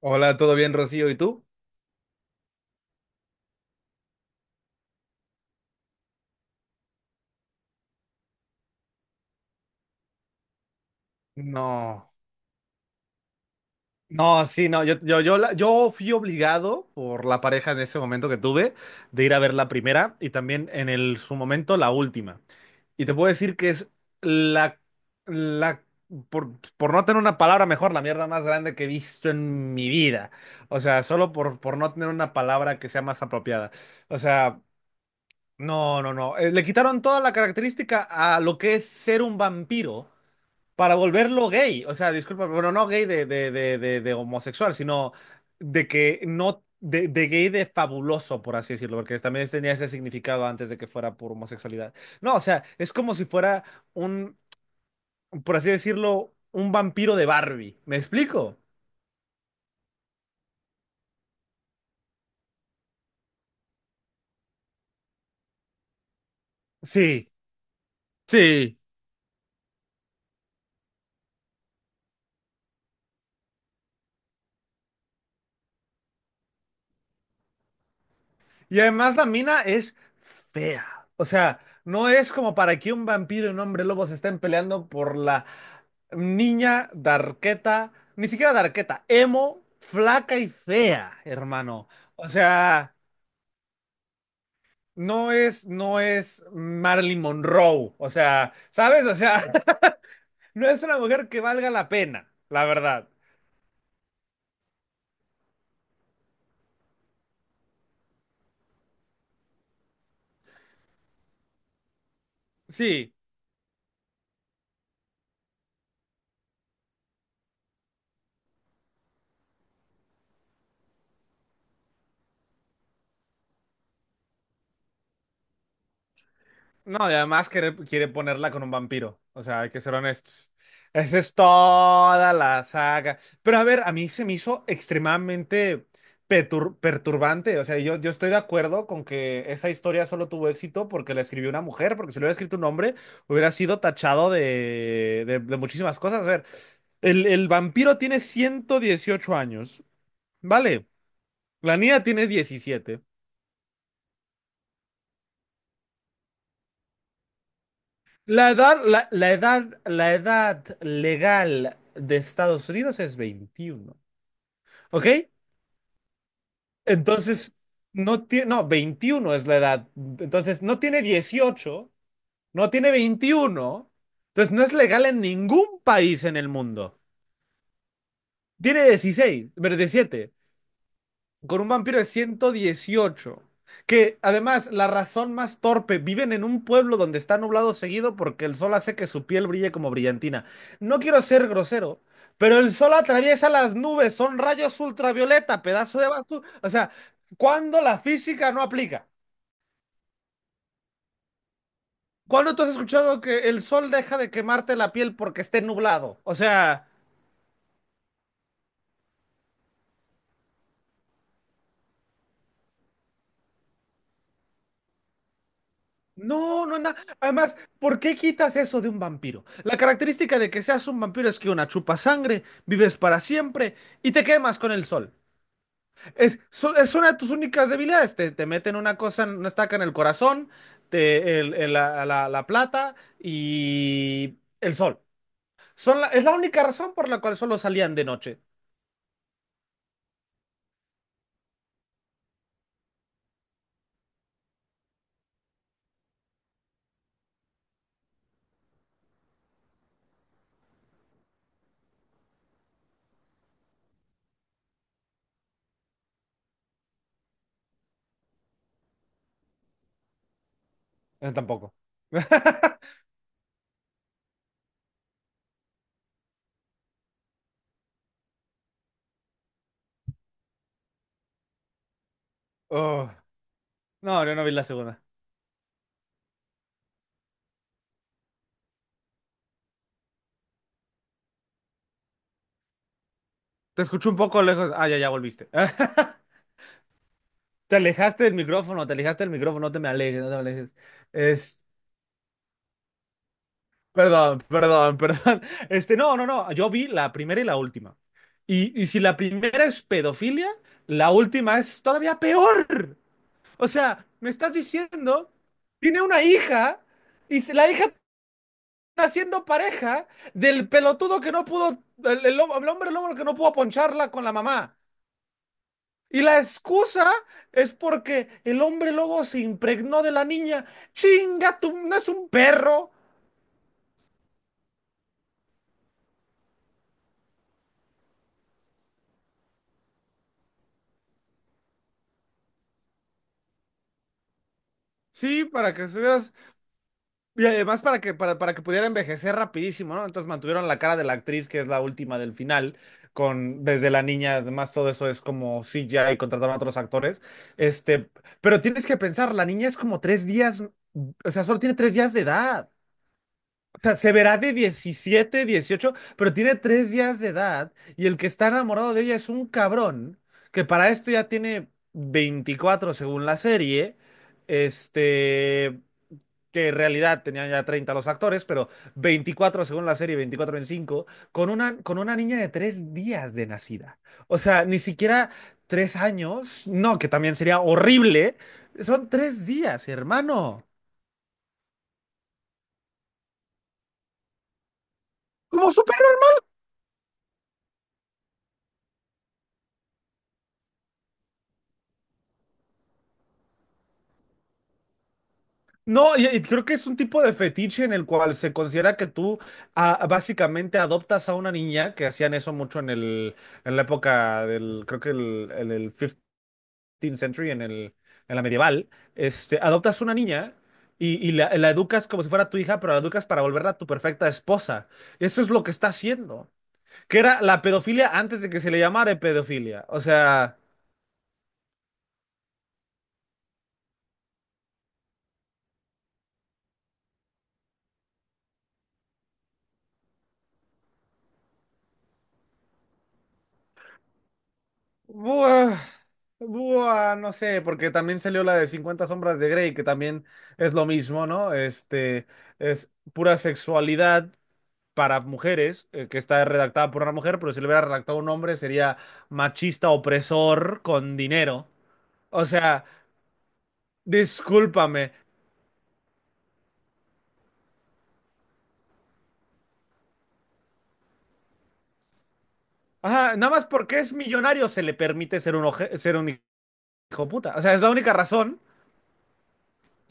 Hola, ¿todo bien, Rocío? ¿Y tú? No, no, sí, no, yo fui obligado por la pareja en ese momento que tuve de ir a ver la primera y también en el, su momento la última. Y te puedo decir que es la, la, por no tener una palabra mejor, la mierda más grande que he visto en mi vida. O sea, solo por no tener una palabra que sea más apropiada. O sea, no, no, no. Le quitaron toda la característica a lo que es ser un vampiro. Para volverlo gay. O sea, disculpa, pero no gay de homosexual, sino de que no. De gay de fabuloso, por así decirlo, porque también tenía ese significado antes de que fuera por homosexualidad. No, o sea, es como si fuera un, por así decirlo, un vampiro de Barbie. ¿Me explico? Sí, sí. Y además la mina es fea. O sea, no es como para que un vampiro y un hombre lobo se estén peleando por la niña darketa ni siquiera darketa emo, flaca y fea, hermano. O sea, no es Marilyn Monroe. O sea, ¿sabes? O sea, no es una mujer que valga la pena, la verdad. Sí. No, y además quiere ponerla con un vampiro. O sea, hay que ser honestos. Esa es toda la saga. Pero a ver, a mí se me hizo extremadamente perturbante. O sea, yo estoy de acuerdo con que esa historia solo tuvo éxito porque la escribió una mujer, porque si lo hubiera escrito un hombre, hubiera sido tachado de muchísimas cosas. A ver, el vampiro tiene 118 años. Vale, la niña tiene 17. La edad legal de Estados Unidos es 21, ¿ok? Entonces, no tiene, no, 21 es la edad. Entonces, no tiene 18, no tiene 21, entonces no es legal en ningún país en el mundo. ¿Tiene 16, pero 17? Con un vampiro de 118, que además, la razón más torpe, viven en un pueblo donde está nublado seguido porque el sol hace que su piel brille como brillantina. No quiero ser grosero, pero el sol atraviesa las nubes, son rayos ultravioleta, pedazo de basura. O sea, ¿cuándo la física no aplica? ¿Cuándo tú has escuchado que el sol deja de quemarte la piel porque esté nublado? O sea, no, no, no. Además, ¿por qué quitas eso de un vampiro? La característica de que seas un vampiro es que una chupa sangre, vives para siempre y te quemas con el sol. Es una de tus únicas debilidades. Te meten una cosa, una estaca en el corazón, te, el- la- la plata y el sol. Es la única razón por la cual solo salían de noche. Tampoco. Oh, no, yo no vi la segunda. Te escuché un poco lejos. Ah, ya, ya volviste. Te alejaste del micrófono, te alejaste del micrófono, no te me alejes, no te me alejes. Es, Perdón, perdón, perdón. Este, no, no, no, yo vi la primera y la última. Y si la primera es pedofilia, la última es todavía peor. O sea, me estás diciendo, tiene una hija y la hija está siendo pareja del pelotudo que no pudo, el hombre lobo que no pudo poncharla con la mamá. Y la excusa es porque el hombre lobo se impregnó de la niña. ¡Chinga, tú no es un perro! Sí, para que estuvieras. Y además para que pudiera envejecer rapidísimo, ¿no? Entonces mantuvieron la cara de la actriz, que es la última del final, con desde la niña, además todo eso es como CGI y contrataron a otros actores. Este, pero tienes que pensar, la niña es como 3 días, o sea, solo tiene 3 días de edad. O sea, se verá de 17, 18, pero tiene 3 días de edad y el que está enamorado de ella es un cabrón que para esto ya tiene 24 según la serie, este, que en realidad tenían ya 30 los actores, pero 24 según la serie, 24, 25, con una niña de 3 días de nacida. O sea, ni siquiera 3 años, no, que también sería horrible, son 3 días, hermano. ¿Cómo son? No, y creo que es un tipo de fetiche en el cual se considera que tú ah, básicamente adoptas a una niña, que hacían eso mucho en el, en la época del, creo que el, en el fifteenth century, en el, en la medieval, este, adoptas una niña y la educas como si fuera tu hija, pero la educas para volverla tu perfecta esposa. Eso es lo que está haciendo, que era la pedofilia antes de que se le llamara pedofilia. O sea... Buah, buah, no sé, porque también salió la de 50 sombras de Grey, que también es lo mismo, ¿no? Este, es pura sexualidad para mujeres, que está redactada por una mujer, pero si lo hubiera redactado un hombre sería machista opresor con dinero. O sea, discúlpame. Ajá, nada más porque es millonario se le permite ser un hijo puta. O sea, es la única razón.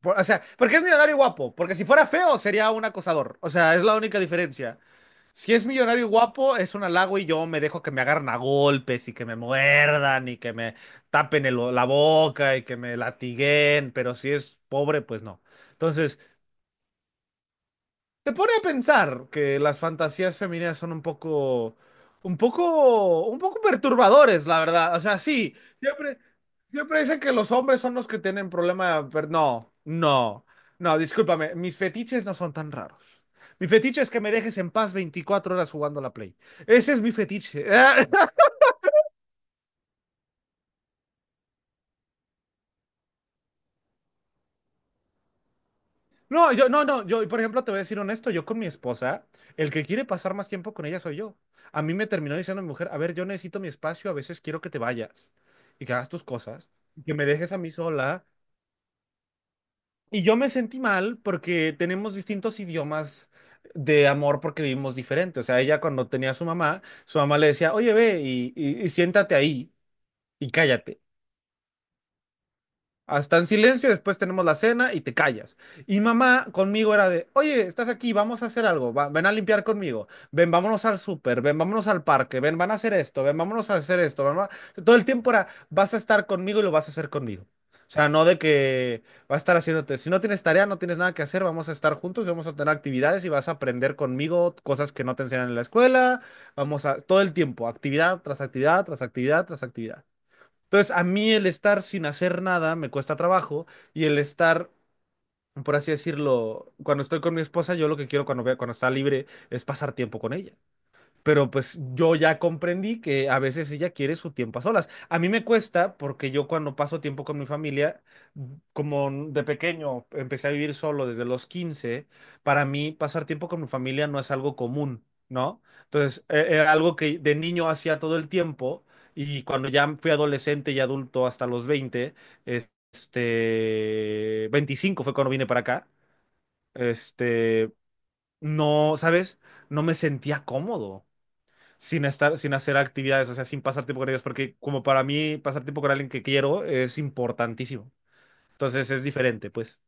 O sea, porque es millonario y guapo, porque si fuera feo sería un acosador. O sea, es la única diferencia. Si es millonario y guapo, es un halago y yo me dejo que me agarren a golpes y que me muerdan y que me tapen el- la boca y que me latiguen, pero si es pobre, pues no. Entonces, te pone a pensar que las fantasías femeninas son un poco, un poco, un poco perturbadores, la verdad. O sea, sí, siempre, siempre dicen que los hombres son los que tienen problema, pero no, no, no, discúlpame, mis fetiches no son tan raros. Mi fetiche es que me dejes en paz 24 horas jugando a la Play. Ese es mi fetiche. No, yo, no, no, yo, por ejemplo, te voy a decir honesto, yo con mi esposa, el que quiere pasar más tiempo con ella soy yo. A mí me terminó diciendo mi mujer, a ver, yo necesito mi espacio, a veces quiero que te vayas y que hagas tus cosas, y que me dejes a mí sola. Y yo me sentí mal porque tenemos distintos idiomas de amor porque vivimos diferente. O sea, ella cuando tenía a su mamá le decía, oye, ve y siéntate ahí y cállate. Hasta en silencio, después tenemos la cena y te callas. Y mamá conmigo era de, oye, estás aquí, vamos a hacer algo, ven a limpiar conmigo, ven, vámonos al súper, ven, vámonos al parque, ven, van a hacer esto, ven, vámonos a hacer esto, mamá. Todo el tiempo era, vas a estar conmigo y lo vas a hacer conmigo. O sea, no de que vas a estar haciéndote, si no tienes tarea, no tienes nada que hacer, vamos a estar juntos y vamos a tener actividades y vas a aprender conmigo cosas que no te enseñan en la escuela, vamos a, todo el tiempo, actividad tras actividad, tras actividad, tras actividad. Entonces, a mí el estar sin hacer nada me cuesta trabajo y el estar, por así decirlo, cuando estoy con mi esposa, yo lo que quiero cuando, cuando está libre es pasar tiempo con ella. Pero pues yo ya comprendí que a veces ella quiere su tiempo a solas. A mí me cuesta porque yo cuando paso tiempo con mi familia, como de pequeño empecé a vivir solo desde los 15. Para mí pasar tiempo con mi familia no es algo común, ¿no? Entonces, era algo que de niño hacía todo el tiempo y cuando ya fui adolescente y adulto hasta los 20, este, 25 fue cuando vine para acá, este, no, ¿sabes? No me sentía cómodo sin estar, sin hacer actividades, o sea, sin pasar tiempo con ellos, porque como para mí pasar tiempo con alguien que quiero es importantísimo. Entonces es diferente, pues.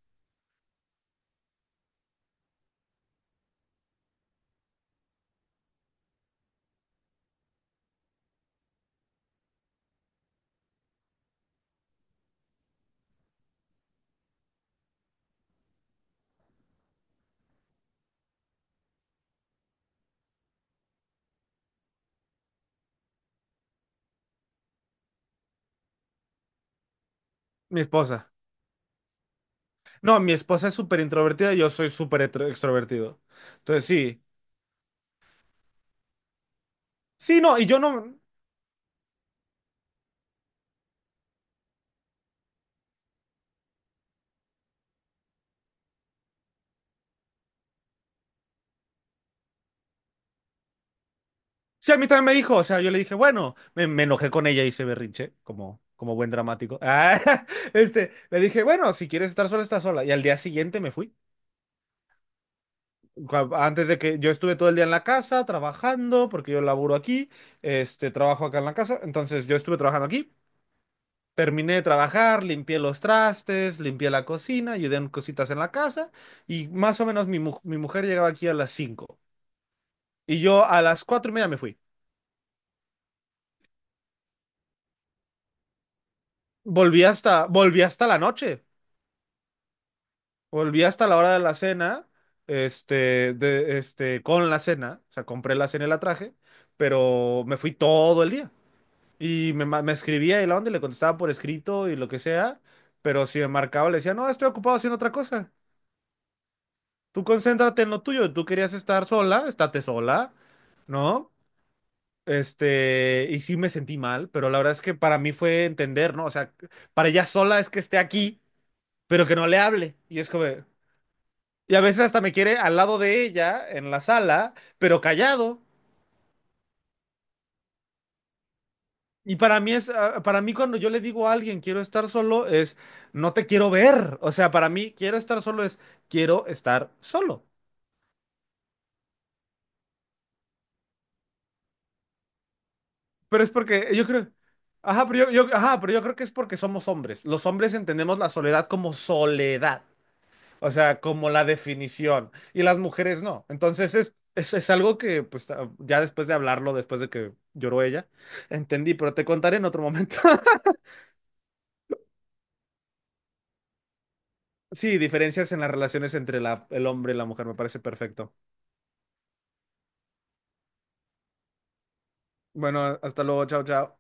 Mi esposa. No, mi esposa es súper introvertida y yo soy súper extrovertido. Entonces sí. Sí, no, y yo no. Sí, a mí también me dijo, o sea, yo le dije, bueno, me enojé con ella y se berrinche, como, como buen dramático. Ah, este, le dije, bueno, si quieres estar sola, está sola. Y al día siguiente me fui. Antes de que yo estuve todo el día en la casa trabajando, porque yo laburo aquí, este, trabajo acá en la casa, entonces yo estuve trabajando aquí, terminé de trabajar, limpié los trastes, limpié la cocina, ayudé en cositas en la casa y más o menos mi mujer llegaba aquí a las 5 y yo a las 4:30 me fui. Volví hasta la noche, volví hasta la hora de la cena, este, de, este, con la cena, o sea, compré la cena y la traje, pero me fui todo el día. Y me escribía y la onda y le contestaba por escrito y lo que sea, pero si me marcaba le decía, no, estoy ocupado haciendo otra cosa. Tú concéntrate en lo tuyo, tú querías estar sola, estate sola, ¿no? Este, y sí me sentí mal, pero la verdad es que para mí fue entender, ¿no? O sea, para ella sola es que esté aquí, pero que no le hable. Y es como, de- y a veces hasta me quiere al lado de ella, en la sala, pero callado. Y para mí es, ah, para mí cuando yo le digo a alguien quiero estar solo es no te quiero ver. O sea, para mí quiero estar solo es quiero estar solo. Pero es porque yo creo, ajá, pero ajá, pero yo creo que es porque somos hombres. Los hombres entendemos la soledad como soledad, o sea, como la definición. Y las mujeres no. Entonces es algo que pues ah, ya después de hablarlo, después de que lloró ella, entendí, pero te contaré en otro momento. Sí, diferencias en las relaciones entre la, el hombre y la mujer, me parece perfecto. Bueno, hasta luego, chao, chao.